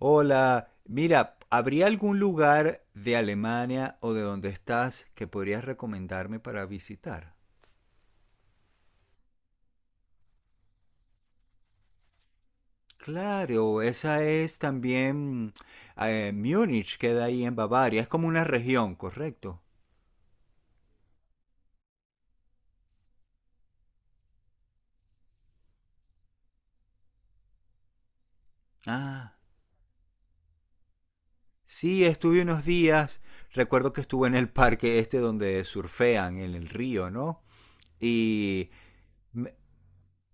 Hola, mira, ¿habría algún lugar de Alemania o de donde estás que podrías recomendarme para visitar? Claro, esa es también Múnich, queda ahí en Bavaria, es como una región, ¿correcto? Ah, sí, estuve unos días, recuerdo que estuve en el parque este donde surfean en el río, ¿no? Y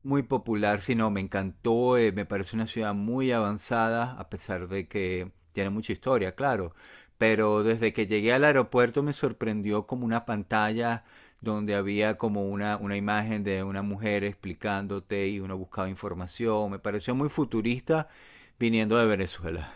Muy popular, sí, no, me encantó, me parece una ciudad muy avanzada, a pesar de que tiene mucha historia, claro. Pero desde que llegué al aeropuerto me sorprendió como una pantalla donde había como una imagen de una mujer explicándote y uno buscaba información. Me pareció muy futurista viniendo de Venezuela.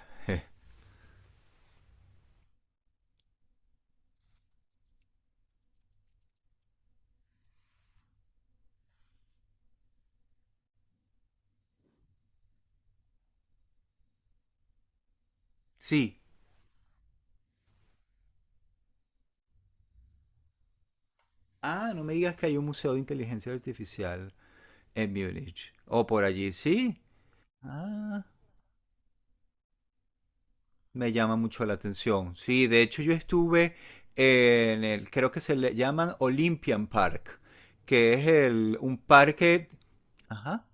Sí. Ah, no me digas que hay un museo de inteligencia artificial en Múnich. O por allí, sí. Ah, me llama mucho la atención. Sí, de hecho yo estuve en el, creo que se le llaman Olympian Park, que es un parque, ajá,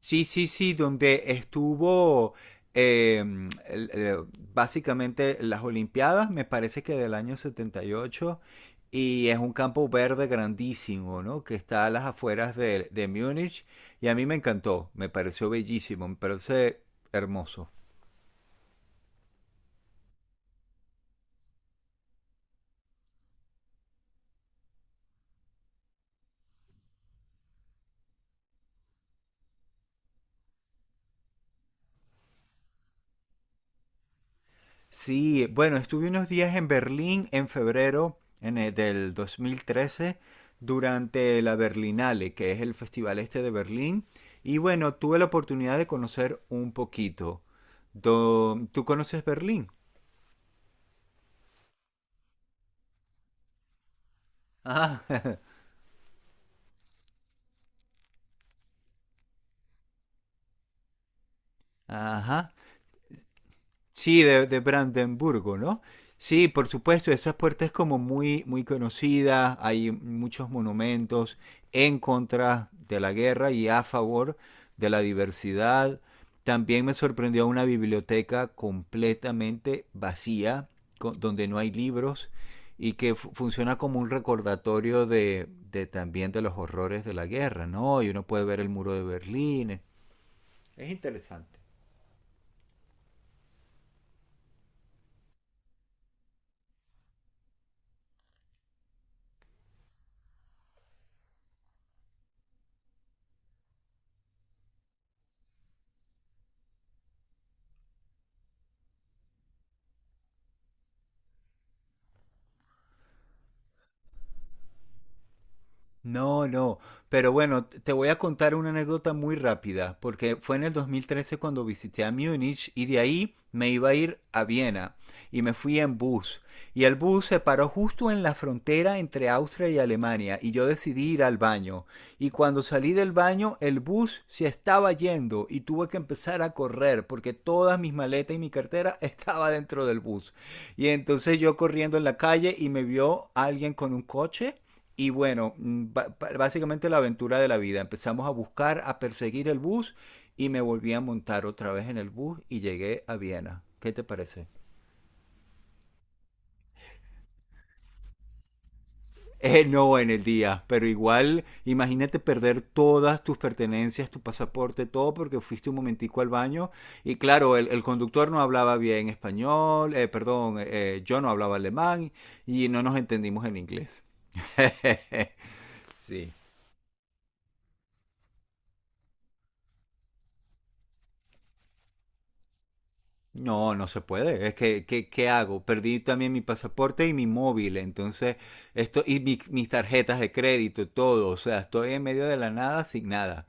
sí, sí, sí, donde estuvo eh, el- el- básicamente las Olimpiadas, me parece que del año 78, y ocho, y es un campo verde grandísimo, ¿no? Que está a las afueras de Múnich, y a mí me encantó, me pareció bellísimo, me parece hermoso. Sí, bueno, estuve unos días en Berlín en febrero del 2013 durante la Berlinale, que es el festival este de Berlín. Y bueno, tuve la oportunidad de conocer un poquito. ¿Tú conoces Berlín? Ah, ajá. Sí, de Brandenburgo, ¿no? Sí, por supuesto, esa puerta es como muy, muy conocida, hay muchos monumentos en contra de la guerra y a favor de la diversidad. También me sorprendió una biblioteca completamente vacía, donde no hay libros y que funciona como un recordatorio de también de los horrores de la guerra, ¿no? Y uno puede ver el muro de Berlín, es interesante. No, no, pero bueno, te voy a contar una anécdota muy rápida, porque fue en el 2013 cuando visité a Múnich y de ahí me iba a ir a Viena y me fui en bus. Y el bus se paró justo en la frontera entre Austria y Alemania y yo decidí ir al baño. Y cuando salí del baño, el bus se estaba yendo y tuve que empezar a correr porque todas mis maletas y mi cartera estaba dentro del bus. Y entonces yo corriendo en la calle y me vio alguien con un coche y bueno, básicamente la aventura de la vida. Empezamos a buscar, a perseguir el bus y me volví a montar otra vez en el bus y llegué a Viena. ¿Qué te parece? No en el día, pero igual imagínate perder todas tus pertenencias, tu pasaporte, todo porque fuiste un momentico al baño y claro, el conductor no hablaba bien español, perdón, yo no hablaba alemán y no nos entendimos en inglés. sí. No, no se puede. Es que, ¿qué hago? Perdí también mi pasaporte y mi móvil, entonces, y mis tarjetas de crédito, todo. O sea, estoy en medio de la nada sin nada.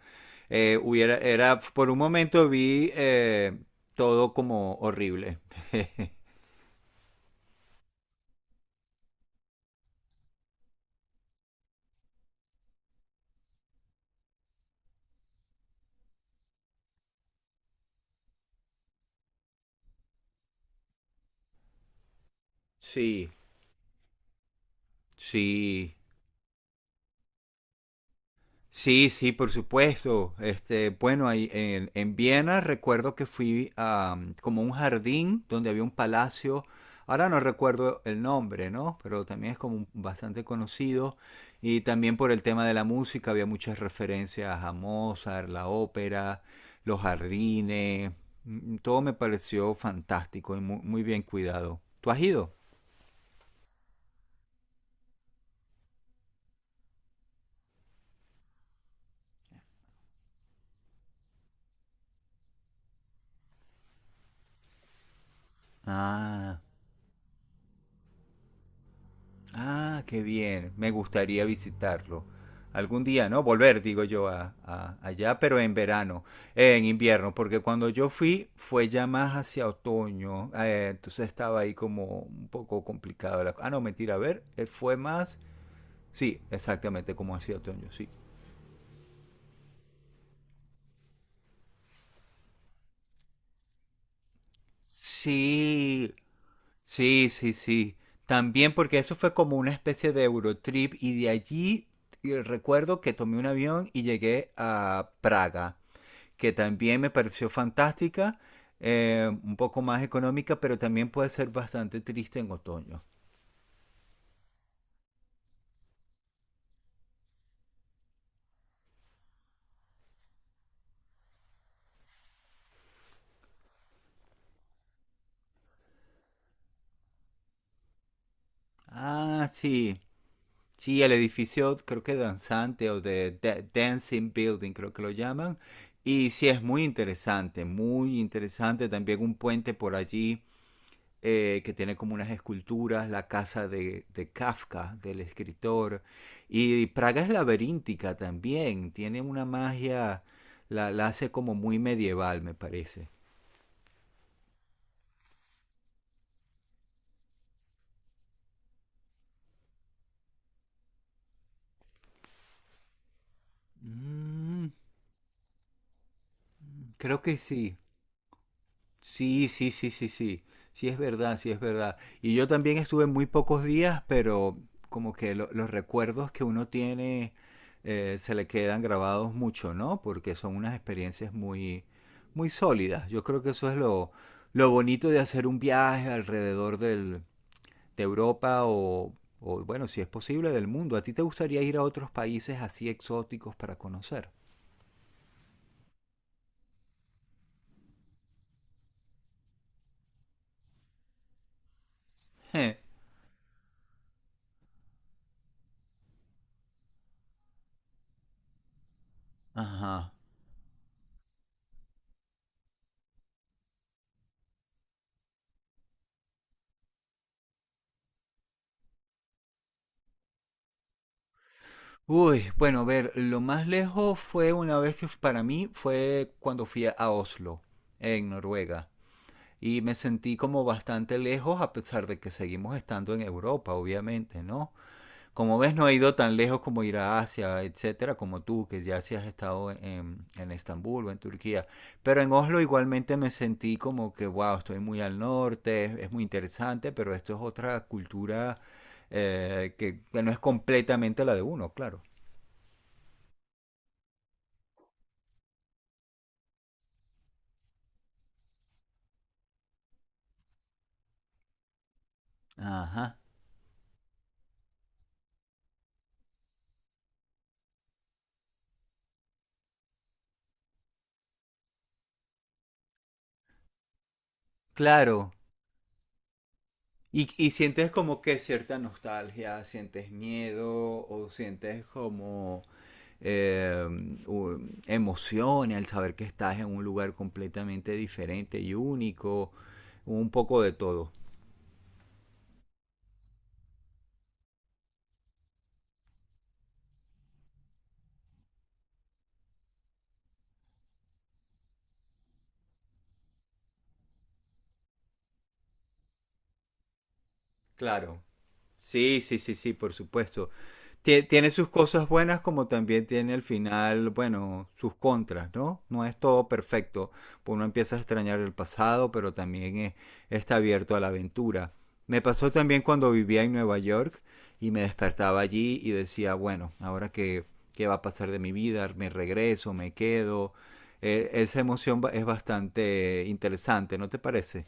Hubiera, era, por un momento vi todo como horrible. Sí, sí. Sí, sí, por supuesto. Bueno, ahí en Viena recuerdo que fui a como un jardín donde había un palacio. Ahora no recuerdo el nombre, ¿no? Pero también es como bastante conocido. Y también por el tema de la música había muchas referencias a Mozart, la ópera, los jardines. Todo me pareció fantástico y muy, bien cuidado. ¿Tú has ido? Ah. Ah, qué bien. Me gustaría visitarlo. Algún día, ¿no? Volver, digo yo, a, allá, pero en verano, en invierno, porque cuando yo fui fue ya más hacia otoño, entonces estaba ahí como un poco complicado. Ah, no, mentira, a ver, fue más, sí, exactamente, como hacia otoño, sí. Sí, sí, sí, sí. También porque eso fue como una especie de Eurotrip y de allí recuerdo que tomé un avión y llegué a Praga, que también me pareció fantástica, un poco más económica, pero también puede ser bastante triste en otoño. Ah, sí, sí, el edificio creo que danzante o Dancing Building, creo que lo llaman. Y sí, es muy interesante, muy interesante. También un puente por allí que tiene como unas esculturas, la casa de Kafka, del escritor. Y Praga es laberíntica también, tiene una magia, la hace como muy medieval, me parece. Mm, creo que sí, sí, sí, sí, sí, sí. Sí, es verdad, sí, es verdad. Y yo también estuve muy pocos días, pero como que los recuerdos que uno tiene se le quedan grabados mucho, ¿no? Porque son unas experiencias muy, muy sólidas. Yo creo que eso es lo bonito de hacer un viaje alrededor de Europa o, bueno, si es posible, del mundo. ¿A ti te gustaría ir a otros países así exóticos para conocer? Je. Ajá. Uy, bueno, a ver, lo más lejos fue una vez que para mí fue cuando fui a Oslo, en Noruega. Y me sentí como bastante lejos a pesar de que seguimos estando en Europa, obviamente, ¿no? Como ves, no he ido tan lejos como ir a Asia, etcétera, como tú, que ya sí has estado en Estambul o en Turquía. Pero en Oslo igualmente me sentí como que, wow, estoy muy al norte, es muy interesante, pero esto es otra cultura que no es completamente la de uno, claro. Ajá, claro. Y sientes como que cierta nostalgia, sientes miedo o sientes como eh, u- emoción al saber que estás en un lugar completamente diferente y único, un poco de todo. Claro. Sí, sí, sí, sí, por supuesto. Tiene sus cosas buenas como también tiene al final, bueno, sus contras, ¿no? No es todo perfecto. Uno empieza a extrañar el pasado, pero también está abierto a la aventura. Me pasó también cuando vivía en Nueva York y me despertaba allí y decía, bueno, ahora qué va a pasar de mi vida, me regreso, me quedo. Esa emoción es bastante interesante, ¿no te parece?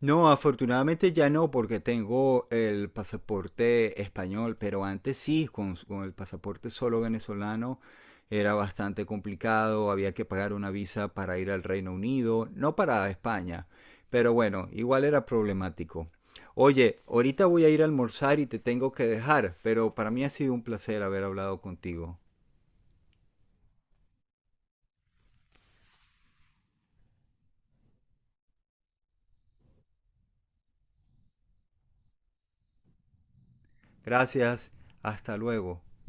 No, afortunadamente ya no, porque tengo el pasaporte español, pero antes sí, con el pasaporte solo venezolano era bastante complicado, había que pagar una visa para ir al Reino Unido, no para España, pero bueno, igual era problemático. Oye, ahorita voy a ir a almorzar y te tengo que dejar, pero para mí ha sido un placer haber hablado contigo. Gracias, hasta luego.